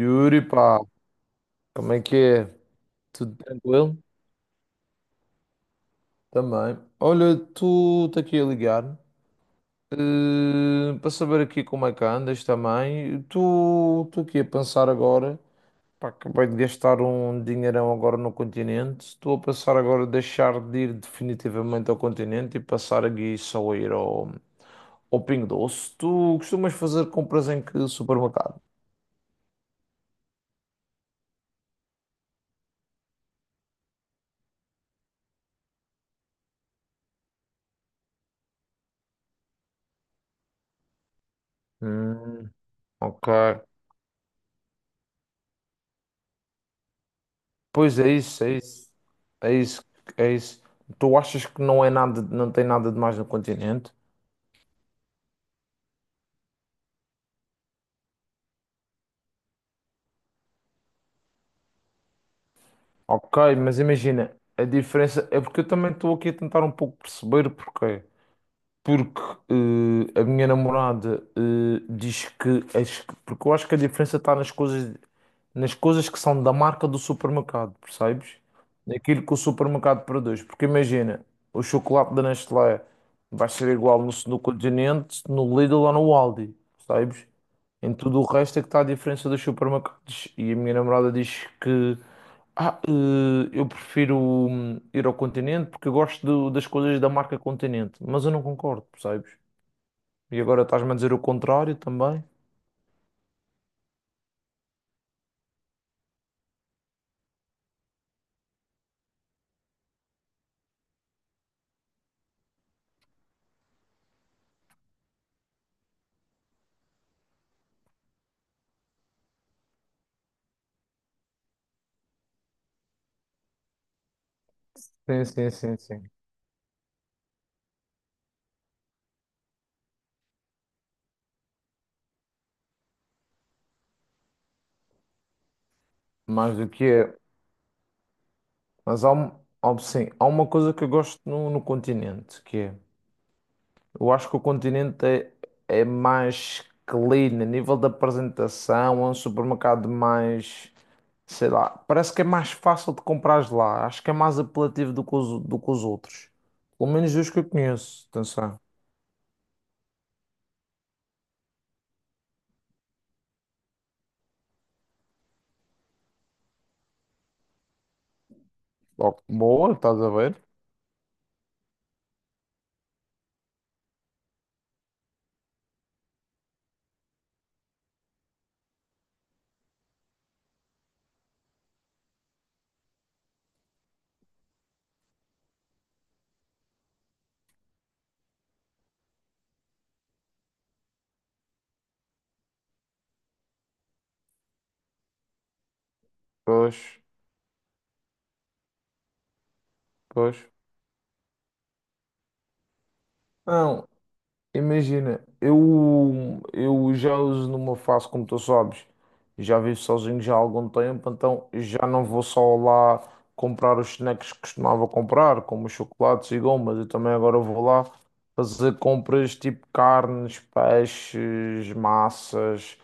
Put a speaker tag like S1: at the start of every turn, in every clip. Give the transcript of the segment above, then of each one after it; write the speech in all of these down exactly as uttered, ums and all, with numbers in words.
S1: Yuri, pá, como é que é? Tudo tranquilo? Também. Olha, tu está aqui a ligar, eh, para saber aqui como é que andas também. Tu estou aqui a pensar agora, pá, acabei de gastar um dinheirão agora no continente. Estou a pensar agora deixar de ir definitivamente ao continente e passar aqui só a ir ao, ao Pingo Doce. Tu costumas fazer compras em que supermercado? Hum, ok. Pois é isso, é isso, é isso, é isso. Tu achas que não é nada, não tem nada de mais no continente? Ok, mas imagina, a diferença é porque eu também estou aqui a tentar um pouco perceber porquê. Porque eh, a minha namorada eh, diz que as- porque eu acho que a diferença está nas coisas nas coisas que são da marca do supermercado, percebes? Naquilo que o supermercado produz. Porque imagina, o chocolate da Nestlé vai ser igual no, no Continente, no Lidl ou no Aldi, percebes? Em tudo o resto é que está a diferença dos supermercados. E a minha namorada diz que ah, eh, eu prefiro hum, ir ao Continente porque eu gosto do- das coisas da marca Continente, mas eu não concordo, percebes? E agora estás-me a dizer o contrário também. Sim, sim, sim, sim. Mais do que é. Mas há, um- há, um- sim, há uma coisa que eu gosto no, no Continente, que é, eu acho que o Continente é, é mais clean, a nível da apresentação, é um supermercado mais. Sei lá, parece que é mais fácil de comprar lá. Acho que é mais apelativo do que os, do que os outros. Pelo menos dos que eu conheço. Atenção. Ó, boa, estás a ver? Pois, pois. Não, imagina, eu, eu já uso numa fase, como tu sabes, já vivo sozinho já há algum tempo, então já não vou só lá comprar os snacks que costumava comprar, como os chocolates e gomas. Eu também agora vou lá fazer compras tipo carnes, peixes, massas.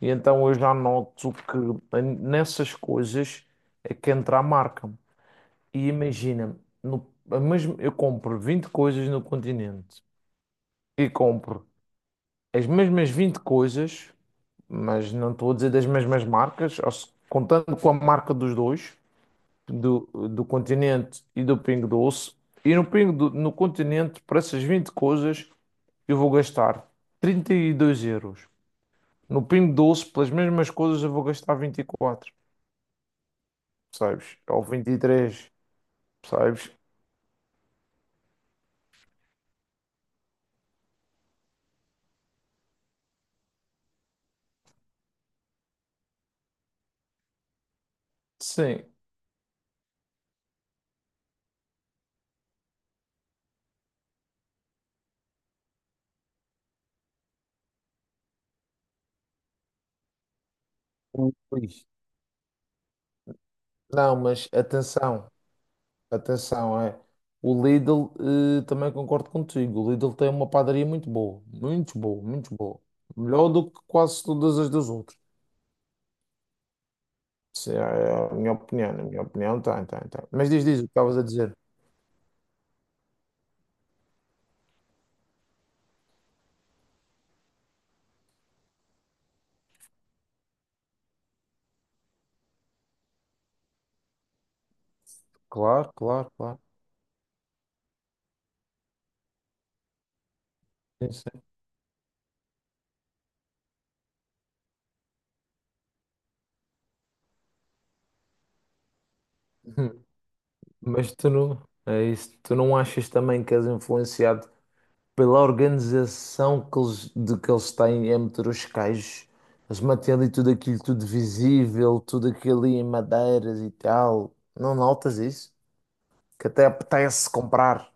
S1: E então eu já noto que nessas coisas é que entra a marca. E imagina, no, a mesma- eu compro vinte coisas no Continente e compro as mesmas vinte coisas, mas não estou a dizer das mesmas marcas, ou se- contando com a marca dos dois, do, do Continente e do Pingo Doce. E no, Pingo do- no Continente, para essas vinte coisas, eu vou gastar trinta e dois euros. No Pingo Doce, pelas mesmas coisas, eu vou gastar vinte e quatro, percebes? Ou vinte e três, percebes? Sim. o- Ui. Não, mas atenção, atenção, é. O Lidl, eh, também concordo contigo. O Lidl tem uma padaria muito boa, muito boa, muito boa. Melhor do que quase todas as dos outros. Isso é é a minha opinião, na minha opinião, tem, tem, tem. Mas diz, diz o que estavas a dizer. Claro, claro, claro. Sim, sim. Mas tu não, é isso. Tu não achas também que és influenciado pela organização que eles, de que eles têm a meter os cajos. Eles mantêm ali tudo aquilo tudo visível, tudo aquilo ali em madeiras e tal. Não notas isso? Que até apetece comprar.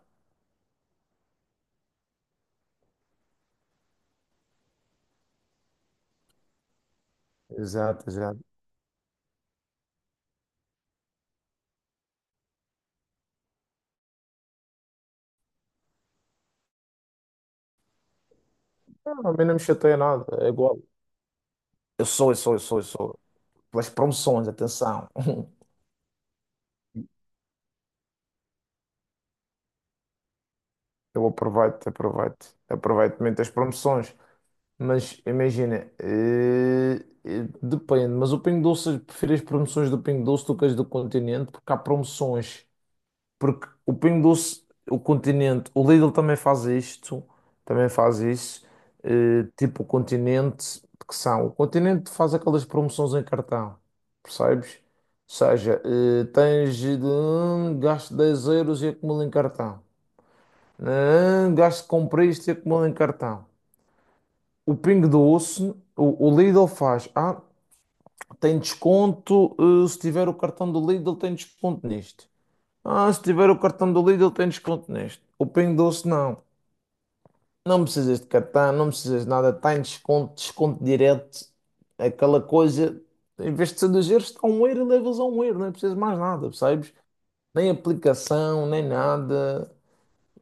S1: Exato, exato. Não, a mim não me chateia nada, é igual. Eu sou, eu sou, eu sou, eu sou. Pelas promoções, atenção. Eu aproveito, aproveito. Aproveito muito as promoções. Mas imagina, eh, eh, depende. Mas o Pingo Doce, eu prefiro as promoções do Pingo Doce do que as do Continente, porque há promoções. Porque o Pingo Doce, o Continente, o Lidl também faz isto, também faz isso, eh, tipo o Continente, que são, o Continente faz aquelas promoções em cartão, percebes? Ou seja, eh, tens de hum, gasto dez euros e acumula em cartão. Hum, gasto comprei isto e acumula em cartão. O Pingo Doce, o, o Lidl faz, ah, tem desconto, eh, se tiver o cartão do Lidl tem desconto nisto. Ah, se tiver o cartão do Lidl, tem desconto neste. O Pingo Doce, não. Não precisas de cartão, não precisas de nada. Tem desconto, desconto direto. Aquela coisa, em vez de ser dois euros, está um euro e levas a um euro. Não precisas mais nada, percebes? Nem aplicação, nem nada.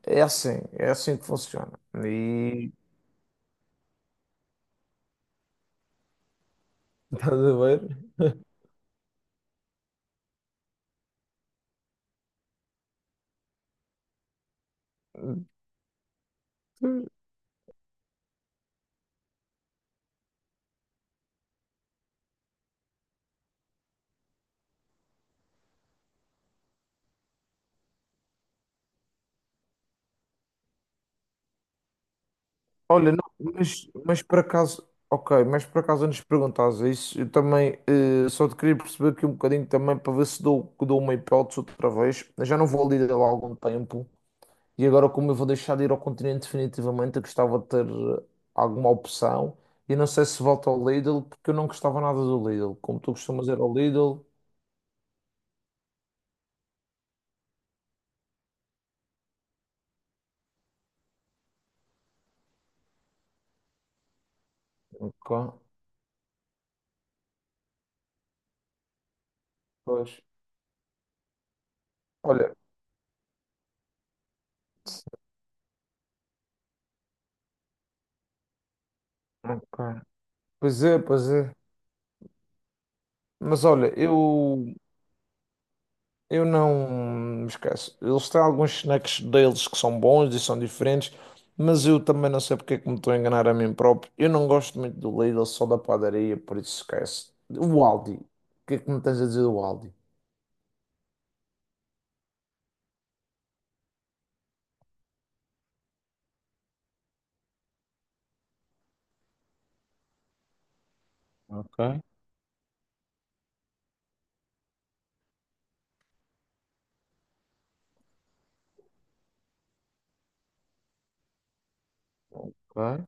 S1: É assim, é assim que funciona. E estás a ver? Olha, não, mas, mas por acaso, ok, mas por acaso antes de perguntares isso, eu também eh, só te queria perceber aqui um bocadinho também para ver se dou, que dou uma hipótese outra vez. Eu já não vou ali lá há algum tempo e agora, como eu vou deixar de ir ao continente definitivamente, eu gostava de ter eh, alguma opção e não sei se volto ao Lidl porque eu não gostava nada do Lidl. Como tu costumas ir ao Lidl, ok, pois. Olha, ok. Pois é, pois é. Mas olha, eu Eu não me esqueço. Eles têm alguns snacks deles que são bons e são diferentes, mas eu também não sei porque é que me estou a enganar a mim próprio. Eu não gosto muito do Lidl, só da padaria, por isso esquece. O Aldi. O que é que me tens a dizer do Aldi? Ok, ok.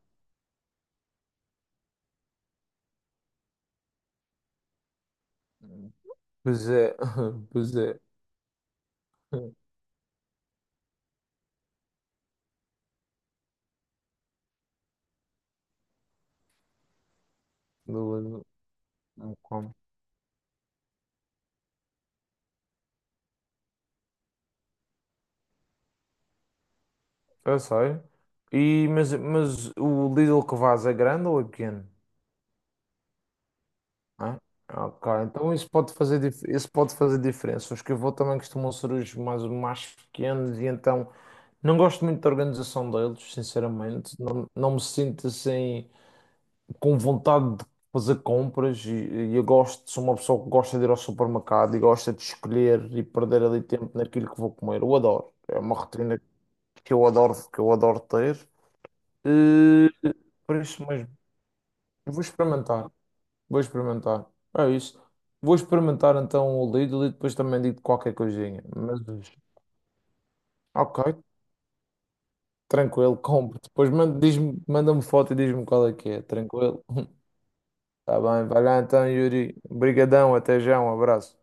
S1: Pois é, pois é. Não, não- não como. Eu sei. E, mas, mas o Lidl que vais é grande ou é pequeno? Né? Ok, então isso pode fazer, dif- isso pode fazer diferença. Os que eu vou também costumam ser os mais, mais pequenos e então não gosto muito da organização deles, sinceramente. Não, não me sinto assim com vontade de fazer compras e, e eu gosto, sou uma pessoa que gosta de ir ao supermercado e gosta de escolher e perder ali tempo naquilo que vou comer. Eu adoro. É uma rotina que eu adoro, que eu adoro ter. E, por isso mesmo, eu vou experimentar. Vou experimentar. É isso. Vou experimentar então o Lidl e depois também digo qualquer coisinha. Mas ok, tranquilo, compro. Depois manda- diz-me- manda-me foto e diz-me qual é que é. Tranquilo. Tá bem, vai lá então, Yuri. Obrigadão, até já, um abraço.